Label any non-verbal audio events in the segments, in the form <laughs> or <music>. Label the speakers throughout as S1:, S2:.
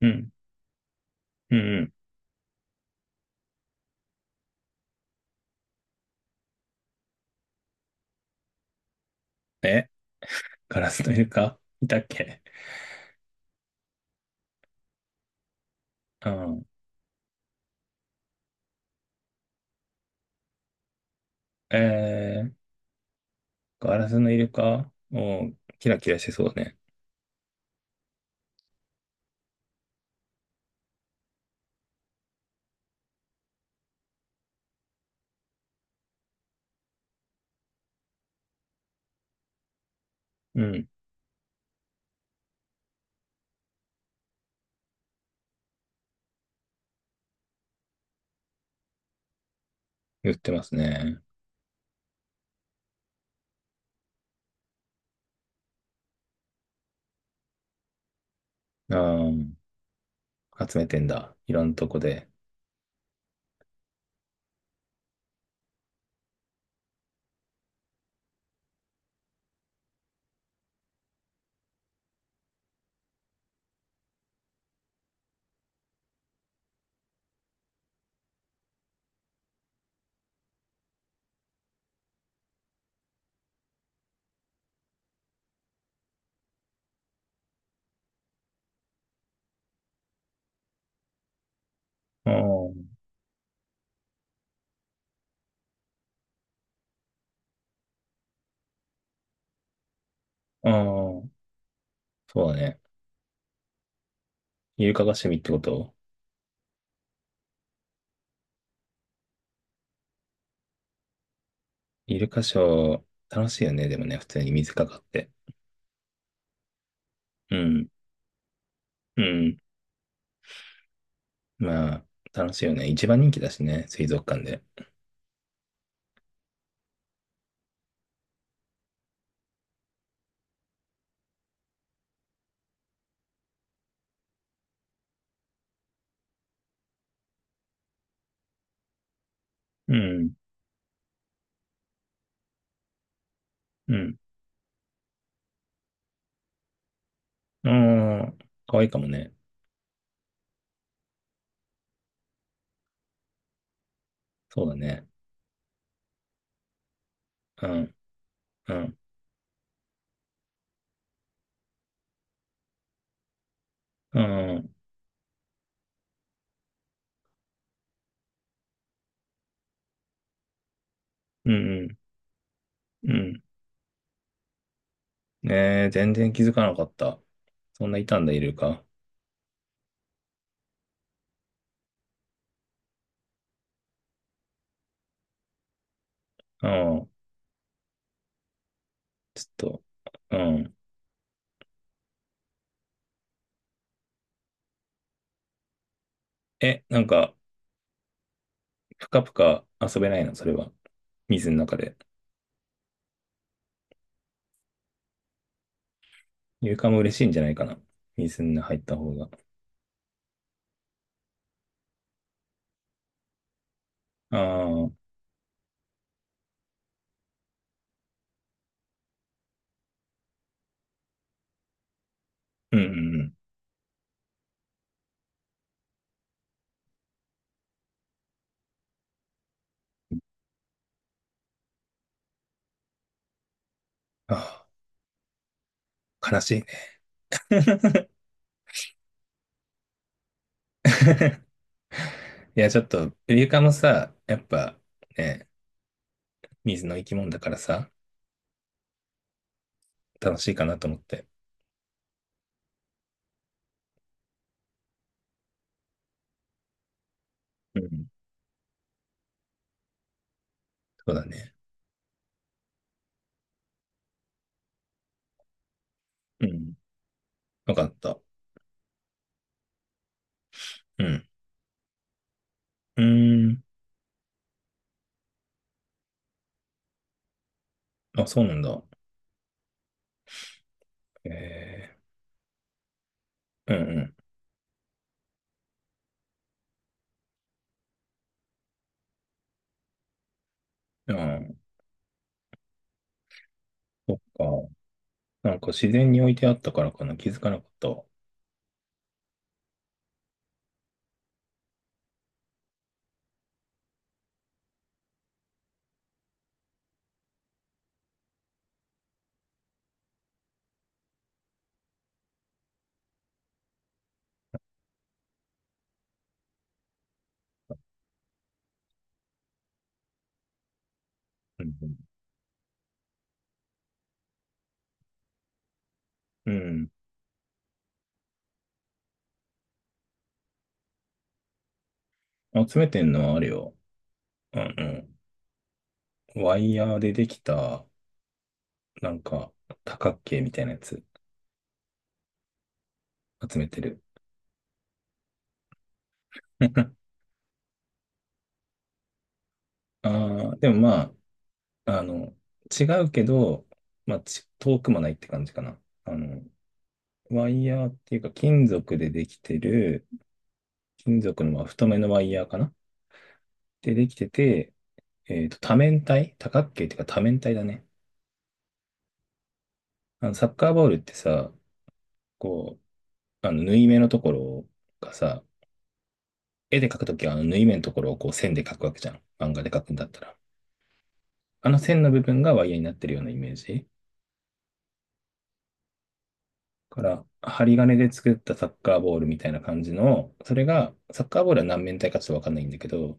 S1: うん、うん、うん。え、ガラスのイルカいたっけ。うん。えー、ガラスのイルカおーキラキラしてそうね。うん、言ってますね。ああ、集めてんだ。いろんなとこで。ああ、ああ、そうだね。イルカが趣味ってこと？イルカショー、楽しいよね。でもね、普通に水かかって。うん、うん。まあ、楽しいよね。一番人気だしね、水族館で。うん、うん。ああ、可愛いかもね。そうだね。うんうん。うん。うん。うん。うん。ねえ、全然気づかなかった。そんないたんだ、イルカ。うん。ちょっと。うん。え、なんか、ぷかぷか遊べないの、それは。水の中で。イルカも嬉しいんじゃないかな。水に入った方が。ああ、うんうんうん。ああ、悲しいね。<laughs> いや、ちょっと、イルカもさ、やっぱ、ね、水の生き物だからさ、楽しいかなと思って。うん。そうだね。うん。よかった。うん。うーん。あ、そうなんだ。えー、うんうん。ああ、そっか。なんか自然に置いてあったからかな。気づかなかったわ。うんうん。うん。集めてんのはあれよ。あのワイヤーでできた、なんか、多角形みたいなやつ集めてる。<laughs> ああ、でもまあ、違うけど、まあ、遠くもないって感じかな。ワイヤーっていうか、金属でできてる、金属のまあ太めのワイヤーかな。で、できてて、多面体多角形っていうか多面体だね。サッカーボールってさ、こう、縫い目のところがさ、絵で描くときはあの縫い目のところをこう線で描くわけじゃん。漫画で描くんだったら。あの線の部分がワイヤーになってるようなイメージ。から、針金で作ったサッカーボールみたいな感じの、それが、サッカーボールは何面体かちょっとわかんないんだけど、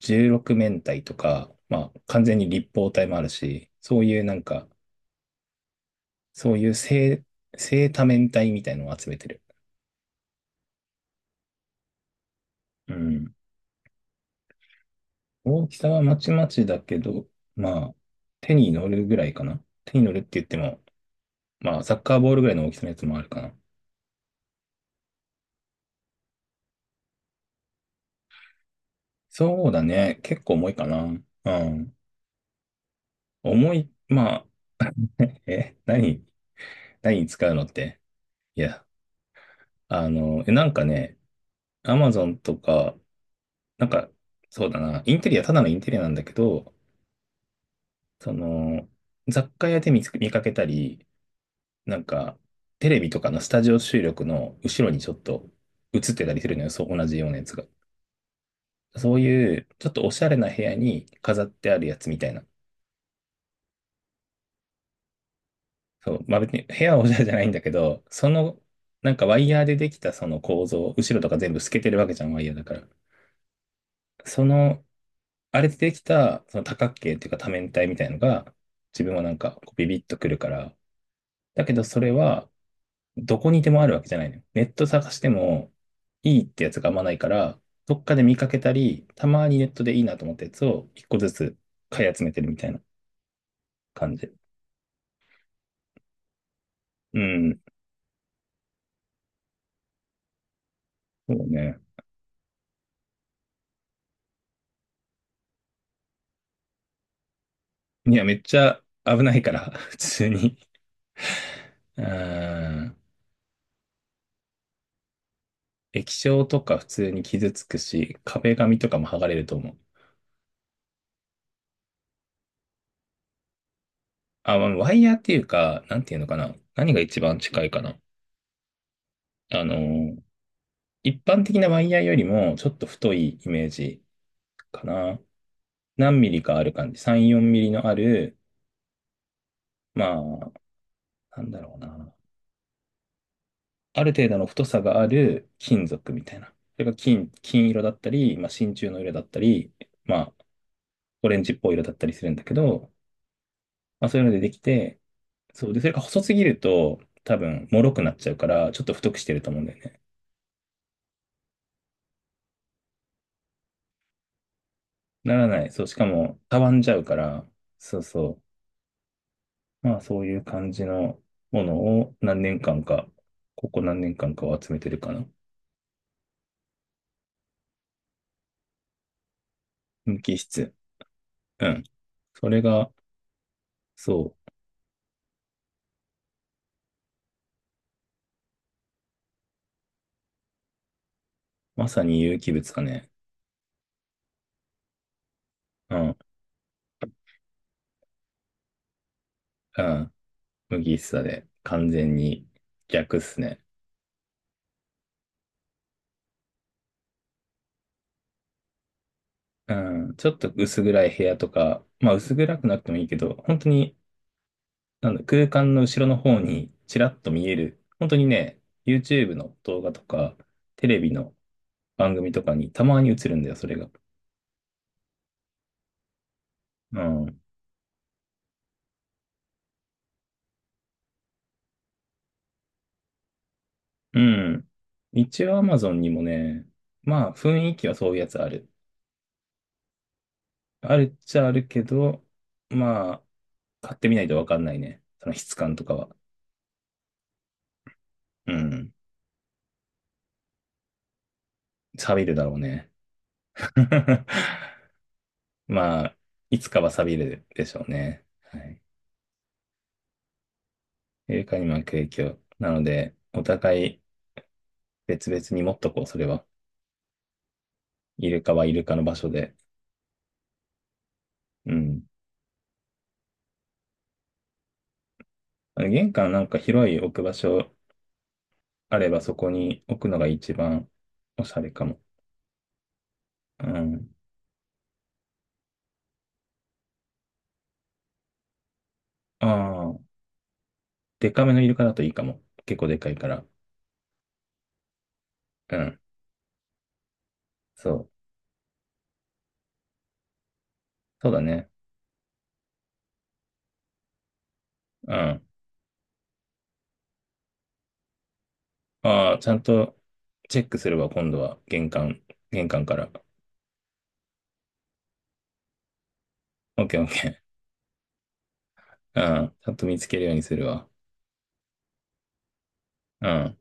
S1: 16面体とか、まあ、完全に立方体もあるし、そういうなんか、そういう正多面体みたいのを集めてる。うん。大きさはまちまちだけど、まあ、手に乗るぐらいかな。手に乗るって言っても、まあ、サッカーボールぐらいの大きさのやつもあるかな。そうだね。結構重いかな。うん。重い、まあ、<laughs> え、何、何に使うのって。いや、なんかね、アマゾンとか、なんか、そうだな、インテリア、ただのインテリアなんだけど、その、雑貨屋で見かけたり、なんか、テレビとかのスタジオ収録の後ろにちょっと映ってたりするのよ、そう、同じようなやつが。そういう、ちょっとおしゃれな部屋に飾ってあるやつみたいな。そう、まあ別に部屋はおしゃれじゃないんだけど、その、なんかワイヤーでできたその構造、後ろとか全部透けてるわけじゃん、ワイヤーだから。その、あれでできた、その多角形っていうか多面体みたいのが、自分はなんかこうビビッとくるから、だけどそれは、どこにでもあるわけじゃないのよ。ネット探してもいいってやつがあんまないから、どっかで見かけたり、たまにネットでいいなと思ったやつを一個ずつ買い集めてるみたいな感じ。うん。そうね。いや、めっちゃ危ないから、<laughs> 普通に。うん。液晶とか普通に傷つくし、壁紙とかも剥がれると思う。あ、まあワイヤーっていうか、なんていうのかな。何が一番近いかな。あのー、一般的なワイヤーよりもちょっと太いイメージかな。何ミリかある感じ。3、4ミリのある、まあ、なんだろうな。ある程度の太さがある金属みたいな。それが金色だったり、まあ、真鍮の色だったり、まあ、オレンジっぽい色だったりするんだけど、まあ、そういうのでできて、そう。で、それが細すぎると、多分、脆くなっちゃうから、ちょっと太くしてると思うんだよね。ならない。そう。しかも、たわんじゃうから、そうそう。まあ、そういう感じのものを何年間か、ここ何年間かを集めてるかな。無機質。うん。それが、そう、まさに有機物だね。うん、うん。麦しさで、完全に逆っすね。うん、ちょっと薄暗い部屋とか、まあ薄暗くなくてもいいけど、本当に、なんだ、空間の後ろの方にちらっと見える、本当にね、YouTube の動画とか、テレビの番組とかにたまに映るんだよ、それが。うん。うん。一応 Amazon にもね、まあ雰囲気はそういうやつある。あるっちゃあるけど、まあ、買ってみないとわかんないね。その質感とかは。うん。錆びるだろうね。<laughs> まあ、いつかは錆びるでしょうね。はい。イルカに巻く影響。なので、お互い別々に持っとこう、それは。イルカはイルカの場所で。うん。あの玄関なんか広い置く場所あれば、そこに置くのが一番おしゃれかも。うん。ああ、デカめのイルカだといいかも。結構でかいから。うん。そう。そうだね。うん。ああ、ちゃんとチェックするわ、今度は。玄関、玄関から。オッケーオッケー。うん。ちゃんと見つけるようにするわ。うん。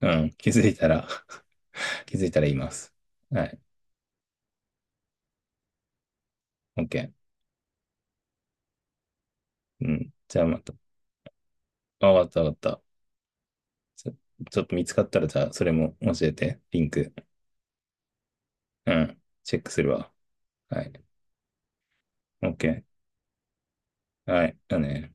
S1: うん。気づいたら <laughs> 気づいたら言います。はい。オッケー。うん。じゃあまた。あ、わかったわかった。ちょ、ちょっと見つかったら、じゃあ、それも教えて。リンク。うん。チェックするわ。はい。オッケー。はい。だね。